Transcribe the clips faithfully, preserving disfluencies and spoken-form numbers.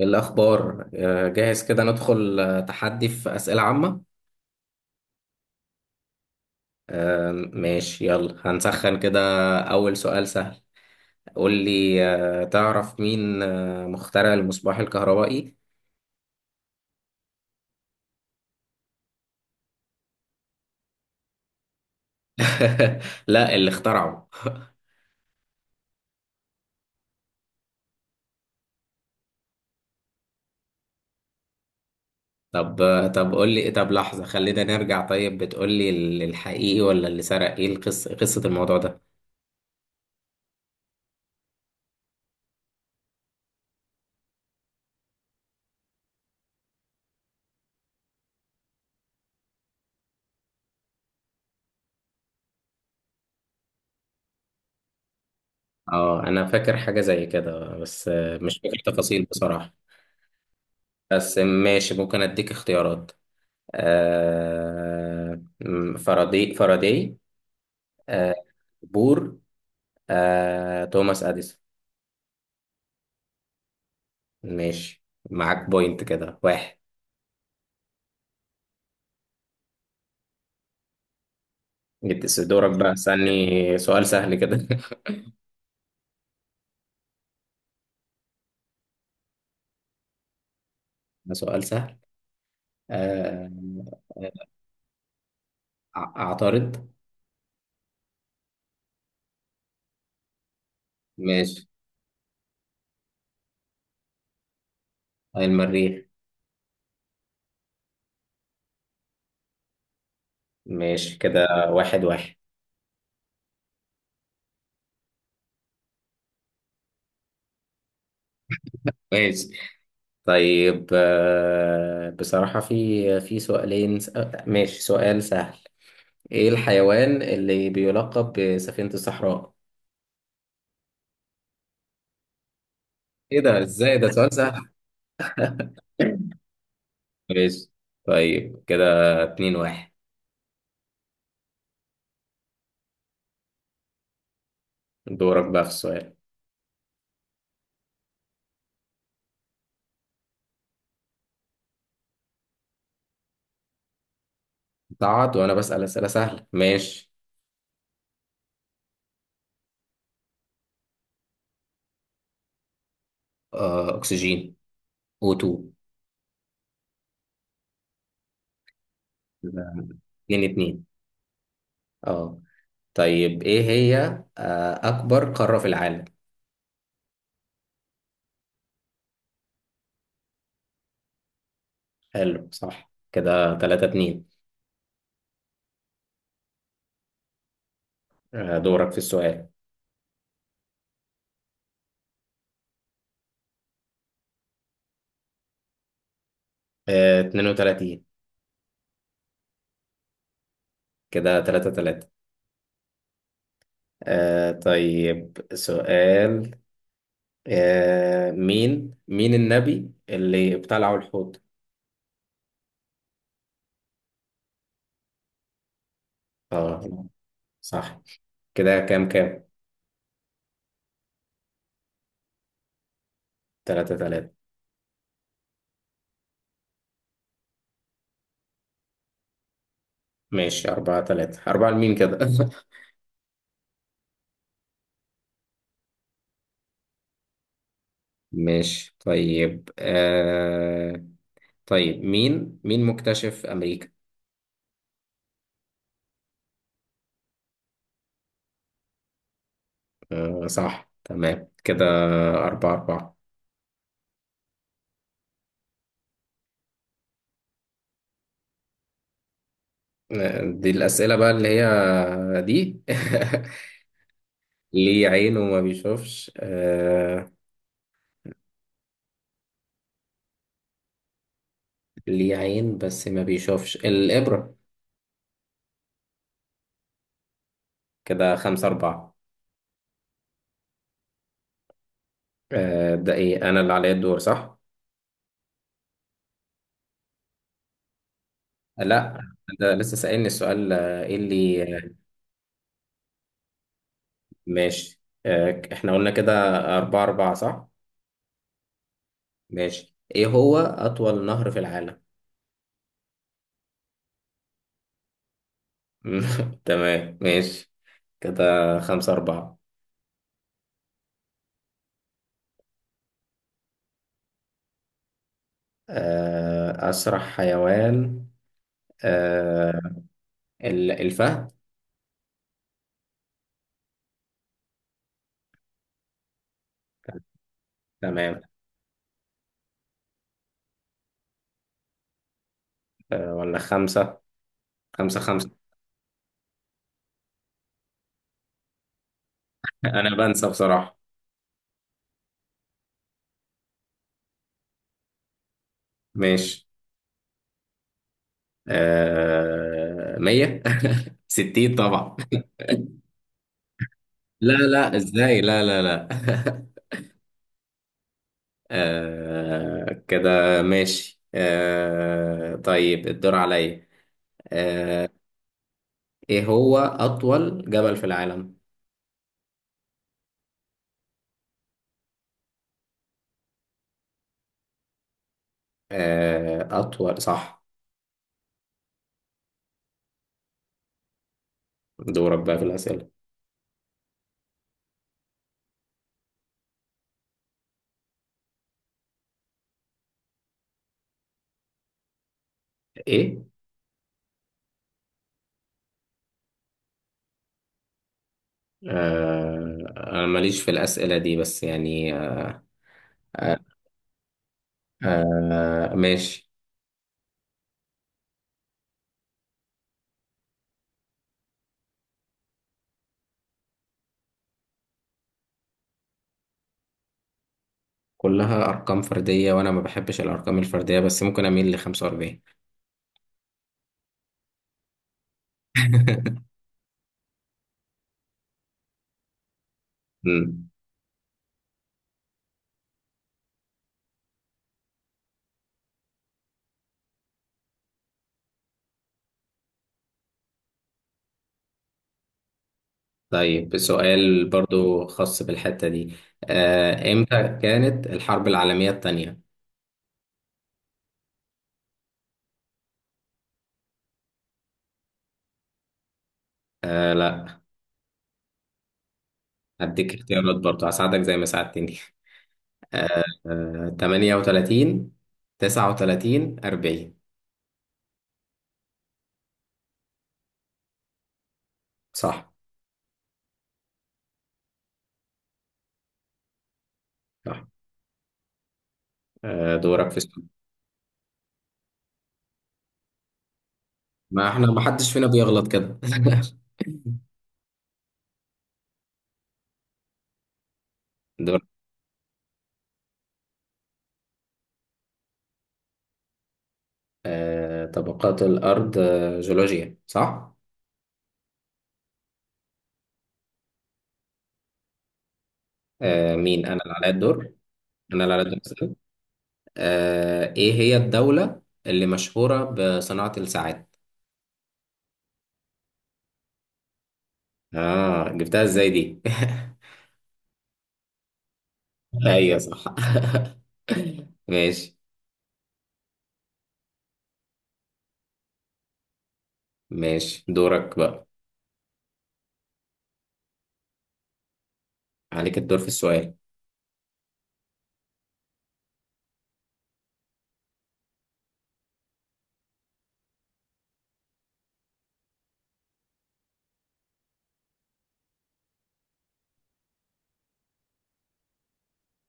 الأخبار آه، جاهز كده ندخل آه، تحدي في أسئلة عامة. آه، ماشي، يلا هنسخن كده. أول سؤال سهل. قول لي آه، تعرف مين آه، مخترع المصباح الكهربائي؟ لا اللي اخترعه. طب آه، طب قول لي، طب لحظة خلينا نرجع. طيب بتقول لي ال- الحقيقي ولا اللي سرق، ايه القصة، قصة الموضوع ده؟ اه انا فاكر حاجة زي كده، بس آه، مش فاكر تفاصيل بصراحة. بس ماشي، ممكن اديك اختيارات. آه، م- فاراداي فاراداي آه، بور. آه، توماس أديسون. ماشي، معاك بوينت كده واحد. جبت س- دورك بقى، استني سؤال سهل كده. ده سؤال سهل. آه، أع- أعترض. ماشي. المريخ. ماشي، كده واحد واحد. ماشي. طيب آه، بصراحة في في سؤالين س- ماشي، سؤال سهل. ايه الحيوان اللي بيلقب بسفينة الصحراء؟ ايه ده، ازاي ده سؤال سهل. ماشي، طيب كده اتنين واحد. دورك بقى في السؤال. تعاد وانا بسأل اسئلة سهلة، ماشي. آه أكسجين، أو تو. لا. اتنين اتنين. اه. طيب ايه هي آه أكبر قارة في العالم؟ حلو، صح كده، تلاتة اتنين. آه دورك في السؤال. آه اتنين وتلاتين. كده تلاتة تلاتة. آه طيب سؤال، آه مين مين النبي اللي ابتلعه الحوت؟ اه صح، كده كام كام. تلاتة تلاتة. ماشي، أربعة تلاتة. أربعة لمين كده؟ ماشي. طيب آه... طيب مين مين مكتشف أمريكا؟ آه صح، تمام، كده أربعة أربعة. آه، دي الأسئلة بقى اللي هي دي. ليه عين وما بيشوفش؟ آه... ليه عين بس ما بيشوفش، الإبرة. كده خمسة أربعة. آه... ده إيه، أنا اللي عليا الدور صح؟ لا ده لسه سألني السؤال. آه، ايه اللي ماشي، آه، احنا قلنا كده أربعة أربعة صح؟ ماشي، ايه هو أطول نهر في العالم؟ تمام، ماشي كده خمسة أربعة. آه، أسرع حيوان، آه، ال- الفهد. تمام. آه، ولا خمسة خمسة خمسة. أنا بنسى بصراحة. ماشي. آه، مية ستين طبعا. لا لا، ازاي، لا لا لا. آه كده ماشي. آه طيب الدور عليا. آه ايه هو أطول جبل في العالم؟ آه أطول، صح. دورك بقى في الأسئلة. ايه؟ آه أنا ماليش في الأسئلة دي، بس يعني آه، آه ماشي. كلها أرقام فردية، وأنا ما بحبش الأرقام الفردية، بس ممكن أميل ل خمسة وأربعين. طيب سؤال برضو خاص بالحتة دي. آه، امتى كانت الحرب العالمية التانية؟ آه لا. هديك اختيارات برضو، هساعدك زي ما ساعدتني. آه آه تمنية وتلاتين تسعة وتلاتين أربعين. صح. صح. آه دورك في السؤال. ما احنا ما حدش فينا بيغلط كده. دور. آه طبقات الأرض، آه جيولوجيا صح؟ آه مين؟ أنا اللي عليا الدور؟ أنا اللي عليا الدور أسأل. آه إيه هي الدولة اللي مشهورة بصناعة الساعات؟ اه جبتها ازاي دي. ايوه صح. ماشي. ماشي دورك بقى، عليك الدور في السؤال.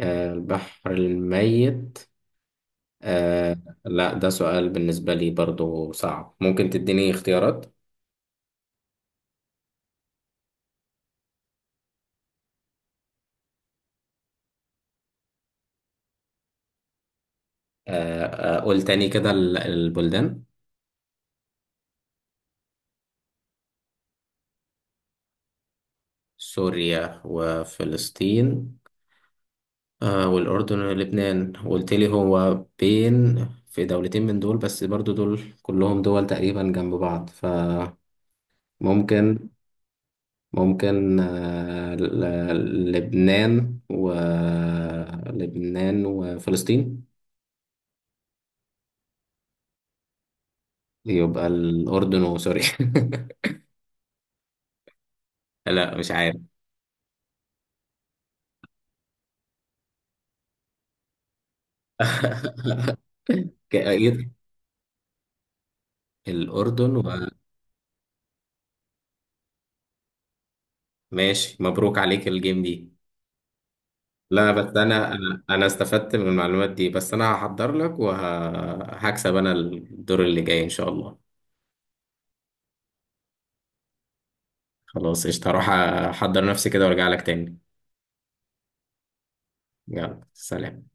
آه البحر الميت. آه لا ده سؤال بالنسبة لي برضو صعب، ممكن تديني اختيارات. آه آه قول تاني كده، ال- البلدان. سوريا وفلسطين آه والأردن ولبنان، قلت لي هو بين في دولتين من دول، بس برضو دول كلهم دول تقريبا جنب بعض. فممكن ممكن آه، ل- ل- لبنان، ولبنان وفلسطين. يبقى الأردن وسوريا. لا مش عارف. كأير الأردن. وماشي، مبروك عليك الجيم دي. لا بس أنا أنا أنا استفدت من المعلومات دي، بس أنا هحضر لك وهكسب أنا الدور اللي جاي إن شاء الله. خلاص قشطة، هروح أحضر نفسي كده وأرجع لك تاني. يلا سلام.